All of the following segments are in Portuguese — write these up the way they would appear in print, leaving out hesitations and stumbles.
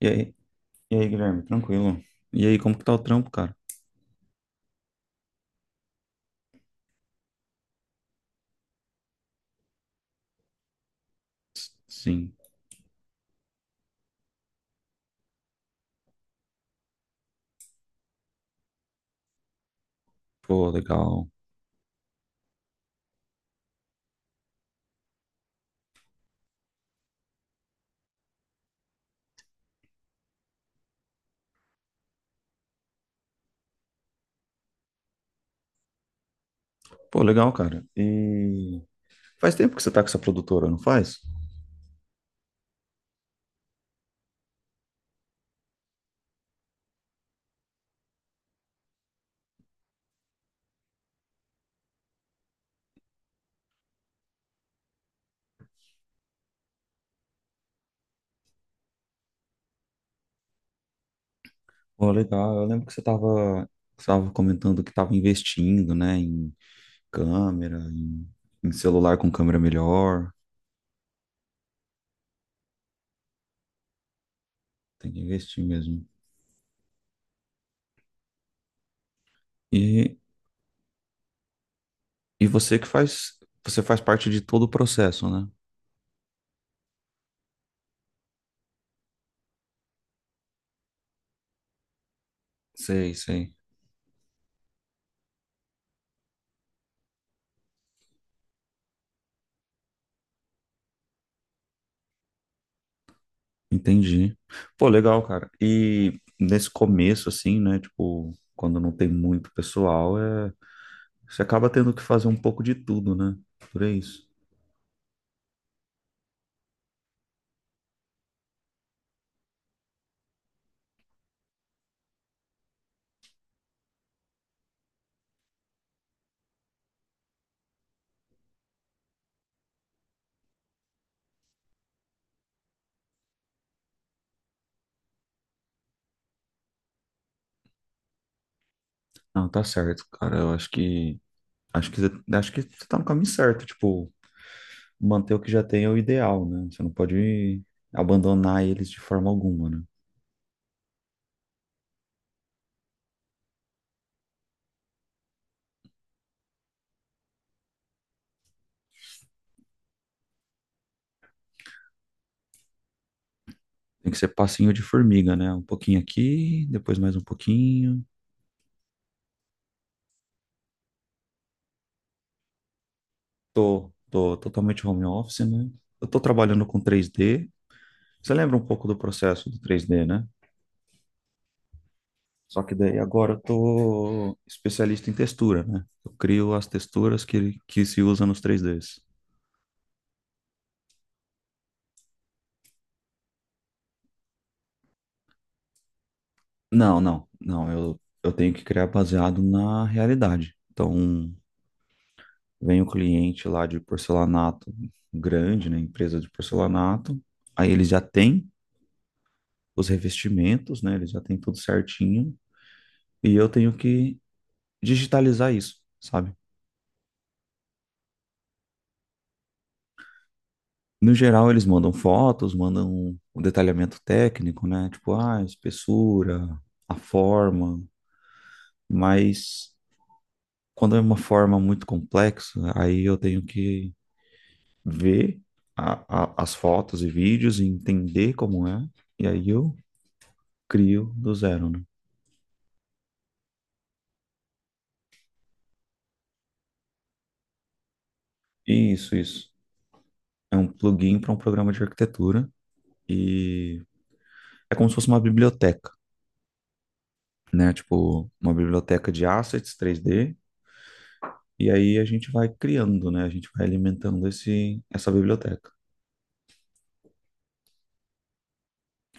E aí, Guilherme, tranquilo? E aí, como que tá o trampo, cara? Sim. Pô, legal. Pô, legal, cara. E faz tempo que você tá com essa produtora, não faz? Pô, legal. Eu lembro que você tava comentando que tava investindo, né, em câmera, em celular com câmera melhor. Tem que investir mesmo. E, e você faz parte de todo o processo, né? Sei, sei. Entendi. Pô, legal, cara. E nesse começo, assim, né? Tipo, quando não tem muito pessoal, você acaba tendo que fazer um pouco de tudo, né? Por isso. Não, tá certo, cara. Eu acho que. Acho que, acho que você tá no caminho certo. Tipo, manter o que já tem é o ideal, né? Você não pode abandonar eles de forma alguma, né? Tem que ser passinho de formiga, né? Um pouquinho aqui, depois mais um pouquinho. Tô, tô totalmente home office, né? Eu tô trabalhando com 3D. Você lembra um pouco do processo do 3D, né? Só que daí agora eu tô especialista em textura, né? Eu crio as texturas que se usa nos 3Ds. Não, não, não. Eu tenho que criar baseado na realidade. Então, vem o cliente lá de porcelanato grande, né? Empresa de porcelanato. Aí eles já têm os revestimentos, né? Eles já têm tudo certinho. E eu tenho que digitalizar isso, sabe? No geral, eles mandam fotos, mandam o detalhamento técnico, né? Tipo, ah, espessura, a forma, mas quando é uma forma muito complexa, aí eu tenho que ver as fotos e vídeos e entender como é, e aí eu crio do zero, né? Isso, isso. É um plugin para um programa de arquitetura e é como se fosse uma biblioteca, né? Tipo, uma biblioteca de assets 3D. E aí a gente vai criando, né? A gente vai alimentando essa biblioteca.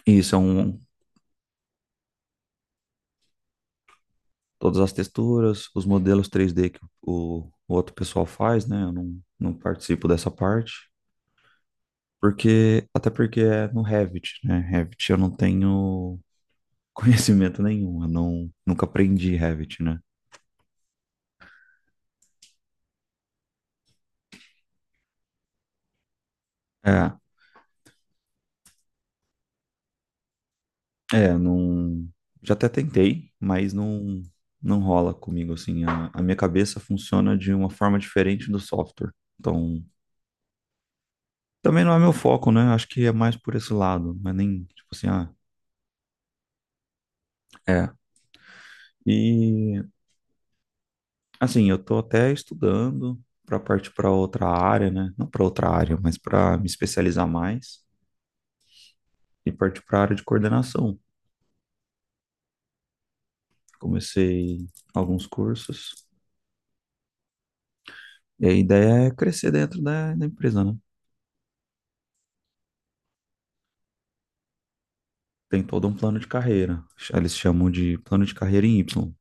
E são todas as texturas, os modelos 3D que o outro pessoal faz, né? Eu não participo dessa parte, porque até porque é no Revit, né? Revit eu não tenho conhecimento nenhum, eu não, nunca aprendi Revit, né? É, não, já até tentei, mas não, não rola comigo assim. A minha cabeça funciona de uma forma diferente do software. Então, também não é meu foco, né? Acho que é mais por esse lado, mas nem, tipo assim, ah, é. E, assim, eu tô até estudando para partir para outra área, né? Não para outra área, mas para me especializar mais e partir para a área de coordenação. Comecei alguns cursos e a ideia é crescer dentro da empresa, né? Tem todo um plano de carreira. Eles chamam de plano de carreira em Y.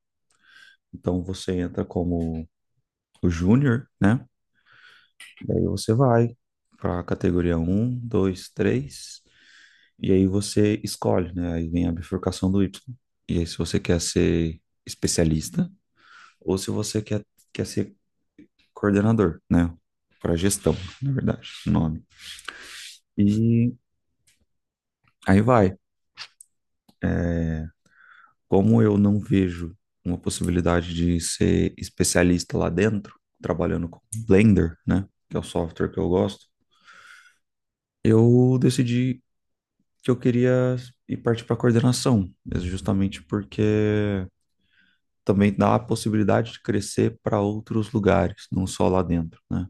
Então, você entra como o júnior, né? Daí você vai para a categoria um, dois, três. E aí você escolhe, né? Aí vem a bifurcação do Y. E aí se você quer ser especialista ou se você quer, quer ser coordenador, né? Para gestão, na verdade, o nome. E aí vai. Como eu não vejo uma possibilidade de ser especialista lá dentro, trabalhando com Blender, né? Que é o software que eu gosto, eu decidi que eu queria ir partir para coordenação, justamente porque também dá a possibilidade de crescer para outros lugares, não só lá dentro, né?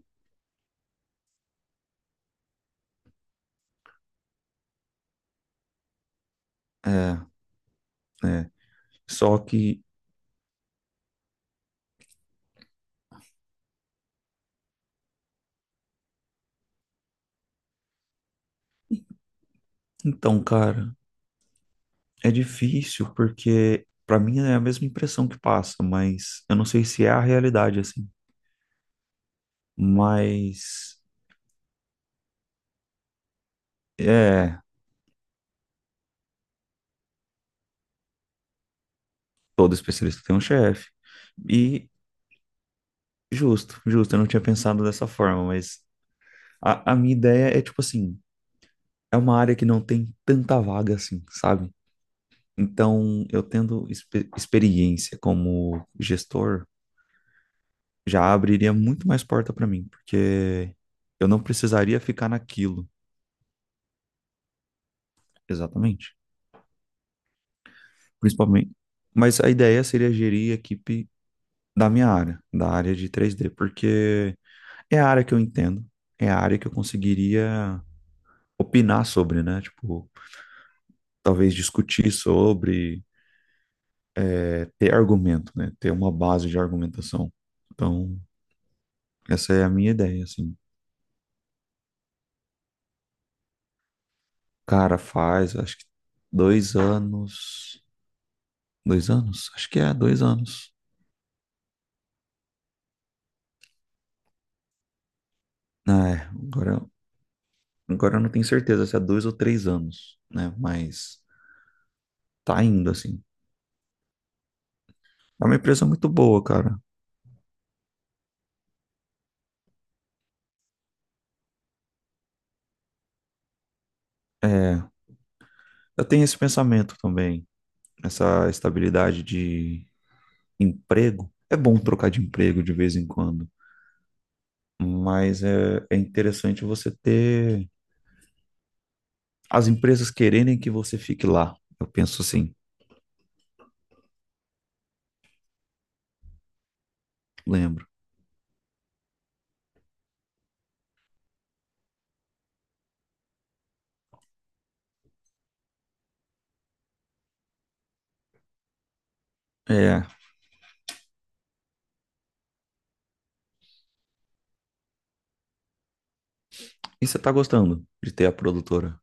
É, é. Só que, então, cara, é difícil porque para mim é a mesma impressão que passa, mas eu não sei se é a realidade assim. Mas é, todo especialista tem um chefe. E justo, justo, eu não tinha pensado dessa forma, mas a minha ideia é tipo assim, é uma área que não tem tanta vaga assim, sabe? Então, eu tendo experiência como gestor, já abriria muito mais porta para mim, porque eu não precisaria ficar naquilo, exatamente. Principalmente. Mas a ideia seria gerir a equipe da minha área, da área de 3D, porque é a área que eu entendo, é a área que eu conseguiria opinar sobre, né? Tipo, talvez discutir sobre, é, ter argumento, né? Ter uma base de argumentação. Então, essa é a minha ideia, assim. Cara, faz, acho que 2 anos. 2 anos? Acho que é, 2 anos. Ah, é, agora, agora eu não tenho certeza se é 2 ou 3 anos, né? Mas tá indo, assim. É uma empresa muito boa, cara. É, eu tenho esse pensamento também, essa estabilidade de emprego. É bom trocar de emprego de vez em quando, mas é interessante você ter as empresas quererem que você fique lá. Eu penso assim, lembro. É, e você tá gostando de ter a produtora?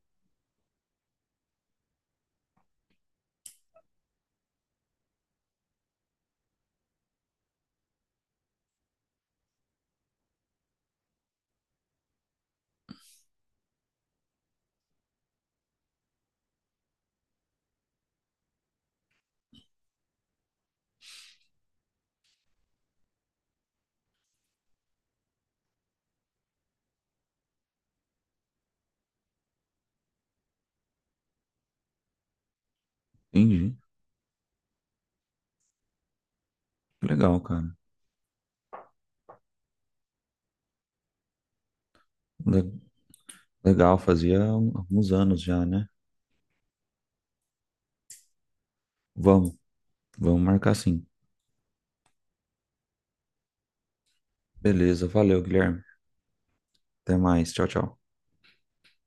Entendi. Que legal, cara. Le- Legal, fazia alguns anos já, né? Vamos, vamos marcar sim. Beleza, valeu, Guilherme. Até mais. Tchau, tchau.